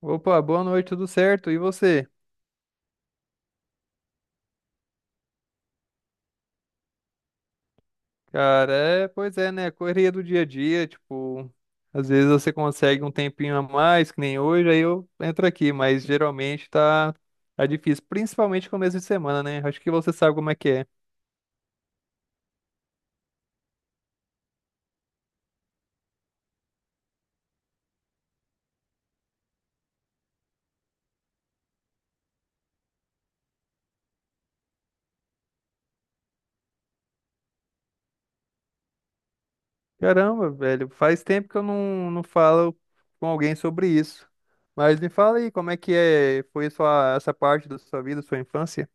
Opa, boa noite, tudo certo? E você? Cara, é, pois é, né? Correria do dia a dia, tipo, às vezes você consegue um tempinho a mais, que nem hoje, aí eu entro aqui, mas geralmente tá difícil, principalmente começo de semana, né? Acho que você sabe como é que é. Caramba, velho, faz tempo que eu não falo com alguém sobre isso. Mas me fala aí, como é que é, foi sua, essa parte da sua vida, sua infância?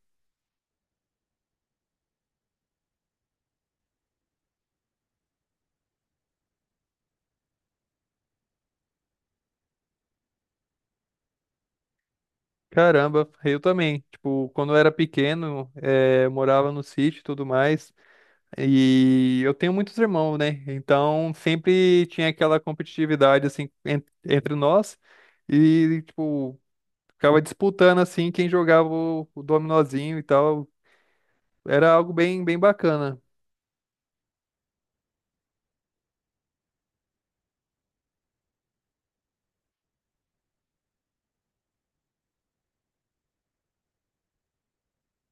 Caramba, eu também. Tipo, quando eu era pequeno, eu morava no sítio e tudo mais. E eu tenho muitos irmãos, né? Então sempre tinha aquela competitividade assim entre nós e tipo ficava disputando assim quem jogava o dominozinho e tal. Era algo bem bem bacana.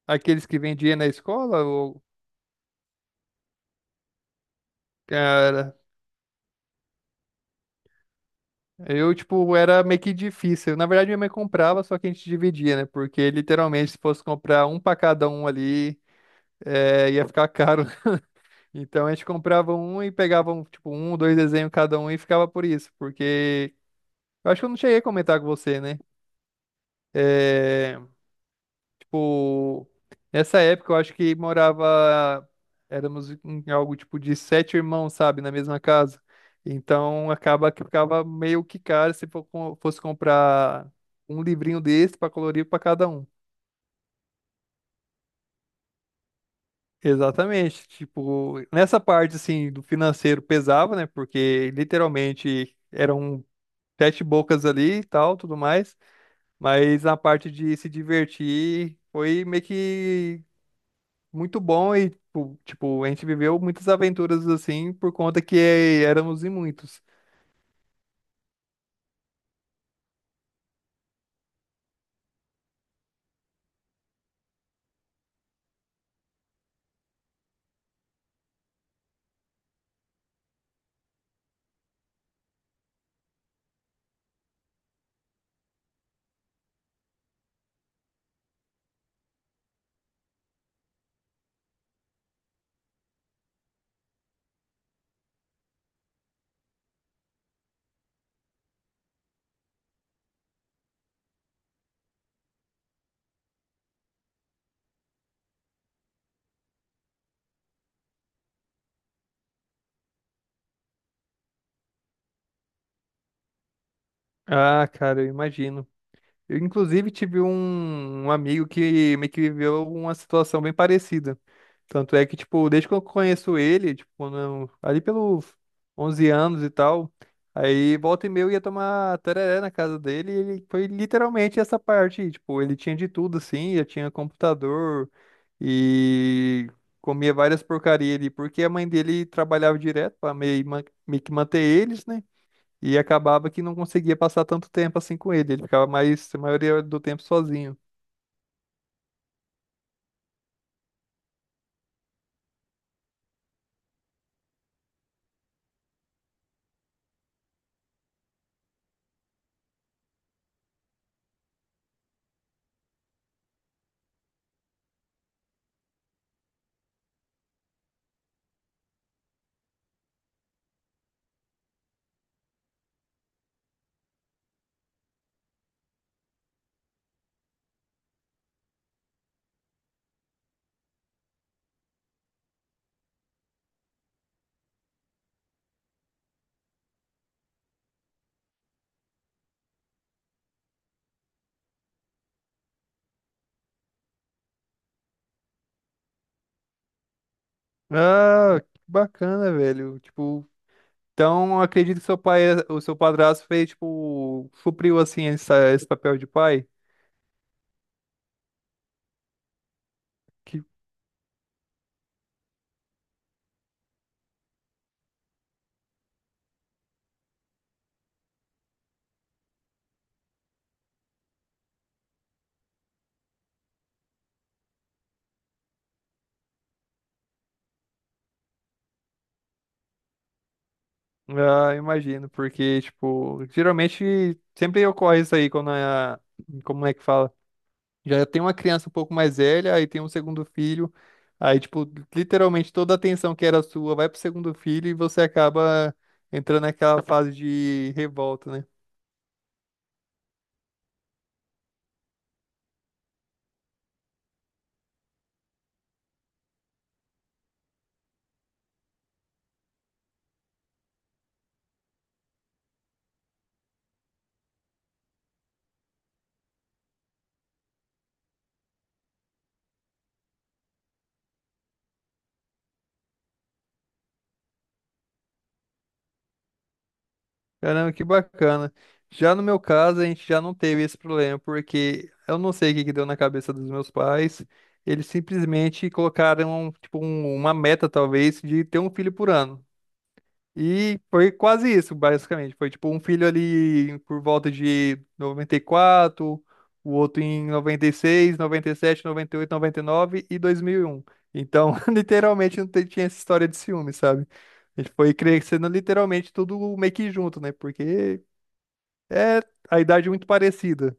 Aqueles que vendiam na escola, o cara, eu tipo era meio que difícil. Na verdade minha mãe comprava, só que a gente dividia, né? Porque literalmente se fosse comprar um pra cada um ali, ia ficar caro. Então a gente comprava um e pegava um, tipo, um, dois desenhos cada um e ficava por isso, porque eu acho que eu não cheguei a comentar com você, né? É, tipo, nessa época eu acho que morava, éramos em algo tipo de sete irmãos, sabe, na mesma casa. Então acaba que ficava meio que caro se fosse comprar um livrinho desse para colorir para cada um. Exatamente, tipo, nessa parte assim do financeiro pesava, né? Porque literalmente eram sete bocas ali e tal, tudo mais. Mas a parte de se divertir foi meio que muito bom e, tipo, a gente viveu muitas aventuras assim por conta que éramos em muitos. Ah, cara, eu imagino. Eu, inclusive, tive um amigo que meio que viveu uma situação bem parecida. Tanto é que, tipo, desde que eu conheço ele, tipo, ali pelos 11 anos e tal, aí volta e meia eu ia tomar tereré na casa dele e ele foi literalmente essa parte, tipo, ele tinha de tudo, assim, já tinha computador e comia várias porcarias ali, porque a mãe dele trabalhava direto para meio que manter eles, né? E acabava que não conseguia passar tanto tempo assim com ele. Ele ficava mais, a maioria do tempo sozinho. Ah, que bacana, velho. Tipo, então eu acredito que seu pai, o seu padrasto fez, tipo, supriu assim esse papel de pai. Que, ah, imagino, porque, tipo, geralmente sempre ocorre isso aí quando a, como é que fala? Já tem uma criança um pouco mais velha, aí tem um segundo filho. Aí, tipo, literalmente toda a atenção que era sua vai pro segundo filho e você acaba entrando naquela fase de revolta, né? Caramba, que bacana. Já no meu caso, a gente já não teve esse problema, porque eu não sei o que que deu na cabeça dos meus pais. Eles simplesmente colocaram, tipo, uma meta, talvez, de ter um filho por ano. E foi quase isso, basicamente. Foi tipo um filho ali por volta de noventa e quatro, o outro em noventa e seis, noventa e sete, noventa, noventa e oito, nove, e 2001. Então, literalmente não te- tinha essa história de ciúme, sabe? A gente foi crescendo literalmente tudo meio que junto, né? Porque é a idade muito parecida.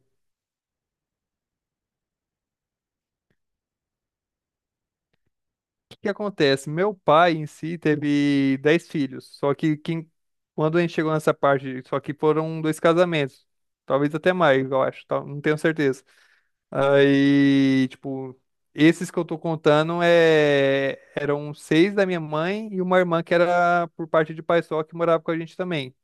Que acontece? Meu pai em si teve 10 filhos, só que quem, quando a gente chegou nessa parte, só que foram dois casamentos, talvez até mais, eu acho, tá? Não tenho certeza. Aí, tipo, esses que eu tô contando é, eram seis da minha mãe e uma irmã que era por parte de pai só que morava com a gente também.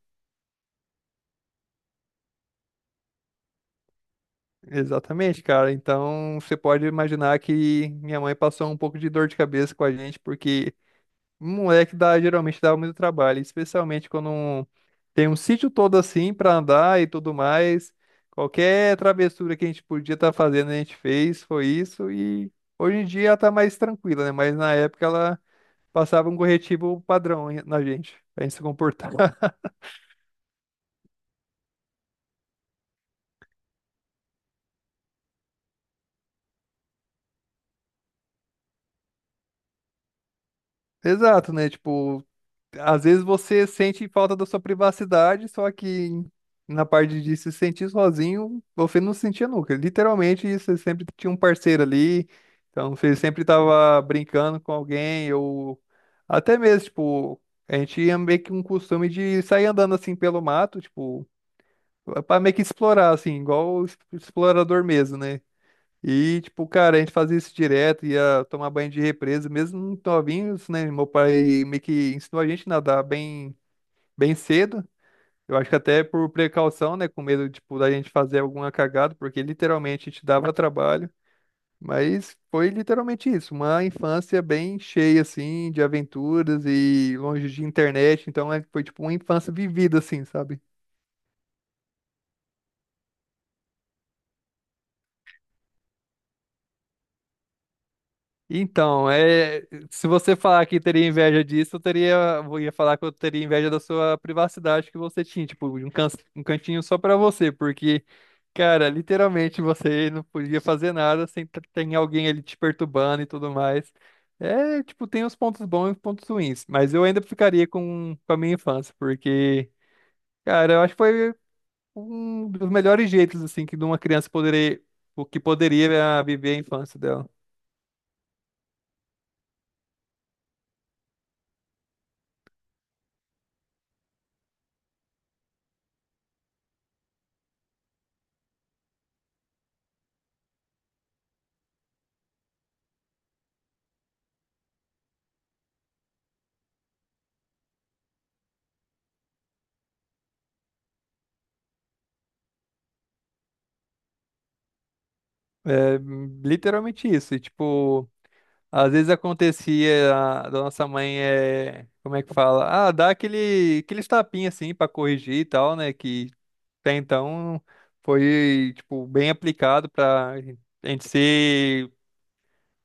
Exatamente, cara. Então você pode imaginar que minha mãe passou um pouco de dor de cabeça com a gente, porque moleque dá, geralmente dá muito trabalho, especialmente tem um sítio todo assim pra andar e tudo mais. Qualquer travessura que a gente podia estar fazendo, a gente fez, foi isso. E hoje em dia ela tá mais tranquila, né? Mas na época ela passava um corretivo padrão na gente, pra gente se comportar. Exato, né? Tipo, às vezes você sente falta da sua privacidade, só que na parte de se sentir sozinho, você não se sentia nunca. Literalmente, você sempre tinha um parceiro ali, então você sempre estava brincando com alguém, ou até mesmo, tipo, a gente tinha meio que um costume de sair andando assim pelo mato, tipo, para meio que explorar, assim, igual explorador mesmo, né? E, tipo, cara, a gente fazia isso direto, ia tomar banho de represa, mesmo novinhos, né? Meu pai meio que ensinou a gente a nadar bem bem cedo. Eu acho que até por precaução, né? Com medo, tipo, da gente fazer alguma cagada, porque literalmente a gente dava trabalho. Mas foi literalmente isso, uma infância bem cheia, assim, de aventuras e longe de internet. Então foi, tipo, uma infância vivida, assim, sabe? Então, é, se você falar que teria inveja disso, eu teria, eu ia falar que eu teria inveja da sua privacidade que você tinha, tipo, de um cantinho só pra você, porque, cara, literalmente você não podia fazer nada sem t- ter alguém ali te perturbando e tudo mais. É, tipo, tem os pontos bons e os pontos ruins, mas eu ainda ficaria com a minha infância, porque, cara, eu acho que foi um dos melhores jeitos, assim, que de uma criança poderia, o que poderia eh, viver a infância dela. É literalmente isso. E, tipo, às vezes acontecia da nossa mãe é, como é que fala? Ah, dá aqueles tapinha assim pra corrigir e tal, né? Que até então foi tipo bem aplicado pra gente ser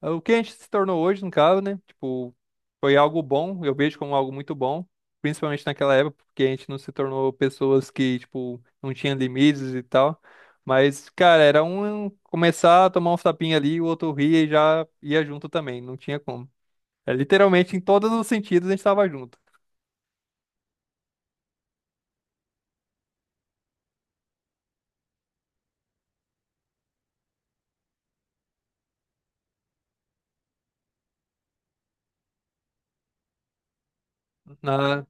o que a gente se tornou hoje, no caso, né? Tipo, foi algo bom, eu vejo como algo muito bom, principalmente naquela época, porque a gente não se tornou pessoas que, tipo, não tinha limites e tal. Mas, cara, era um começar a tomar um tapinha ali, o outro ria e já ia junto também, não tinha como. É, literalmente, em todos os sentidos, a gente tava junto. Na...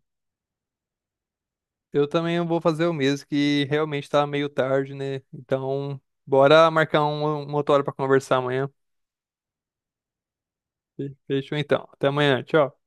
Eu também vou fazer o mesmo, que realmente tá meio tarde, né? Então, bora marcar uma outra hora pra conversar amanhã. Fechou então. Até amanhã, tchau.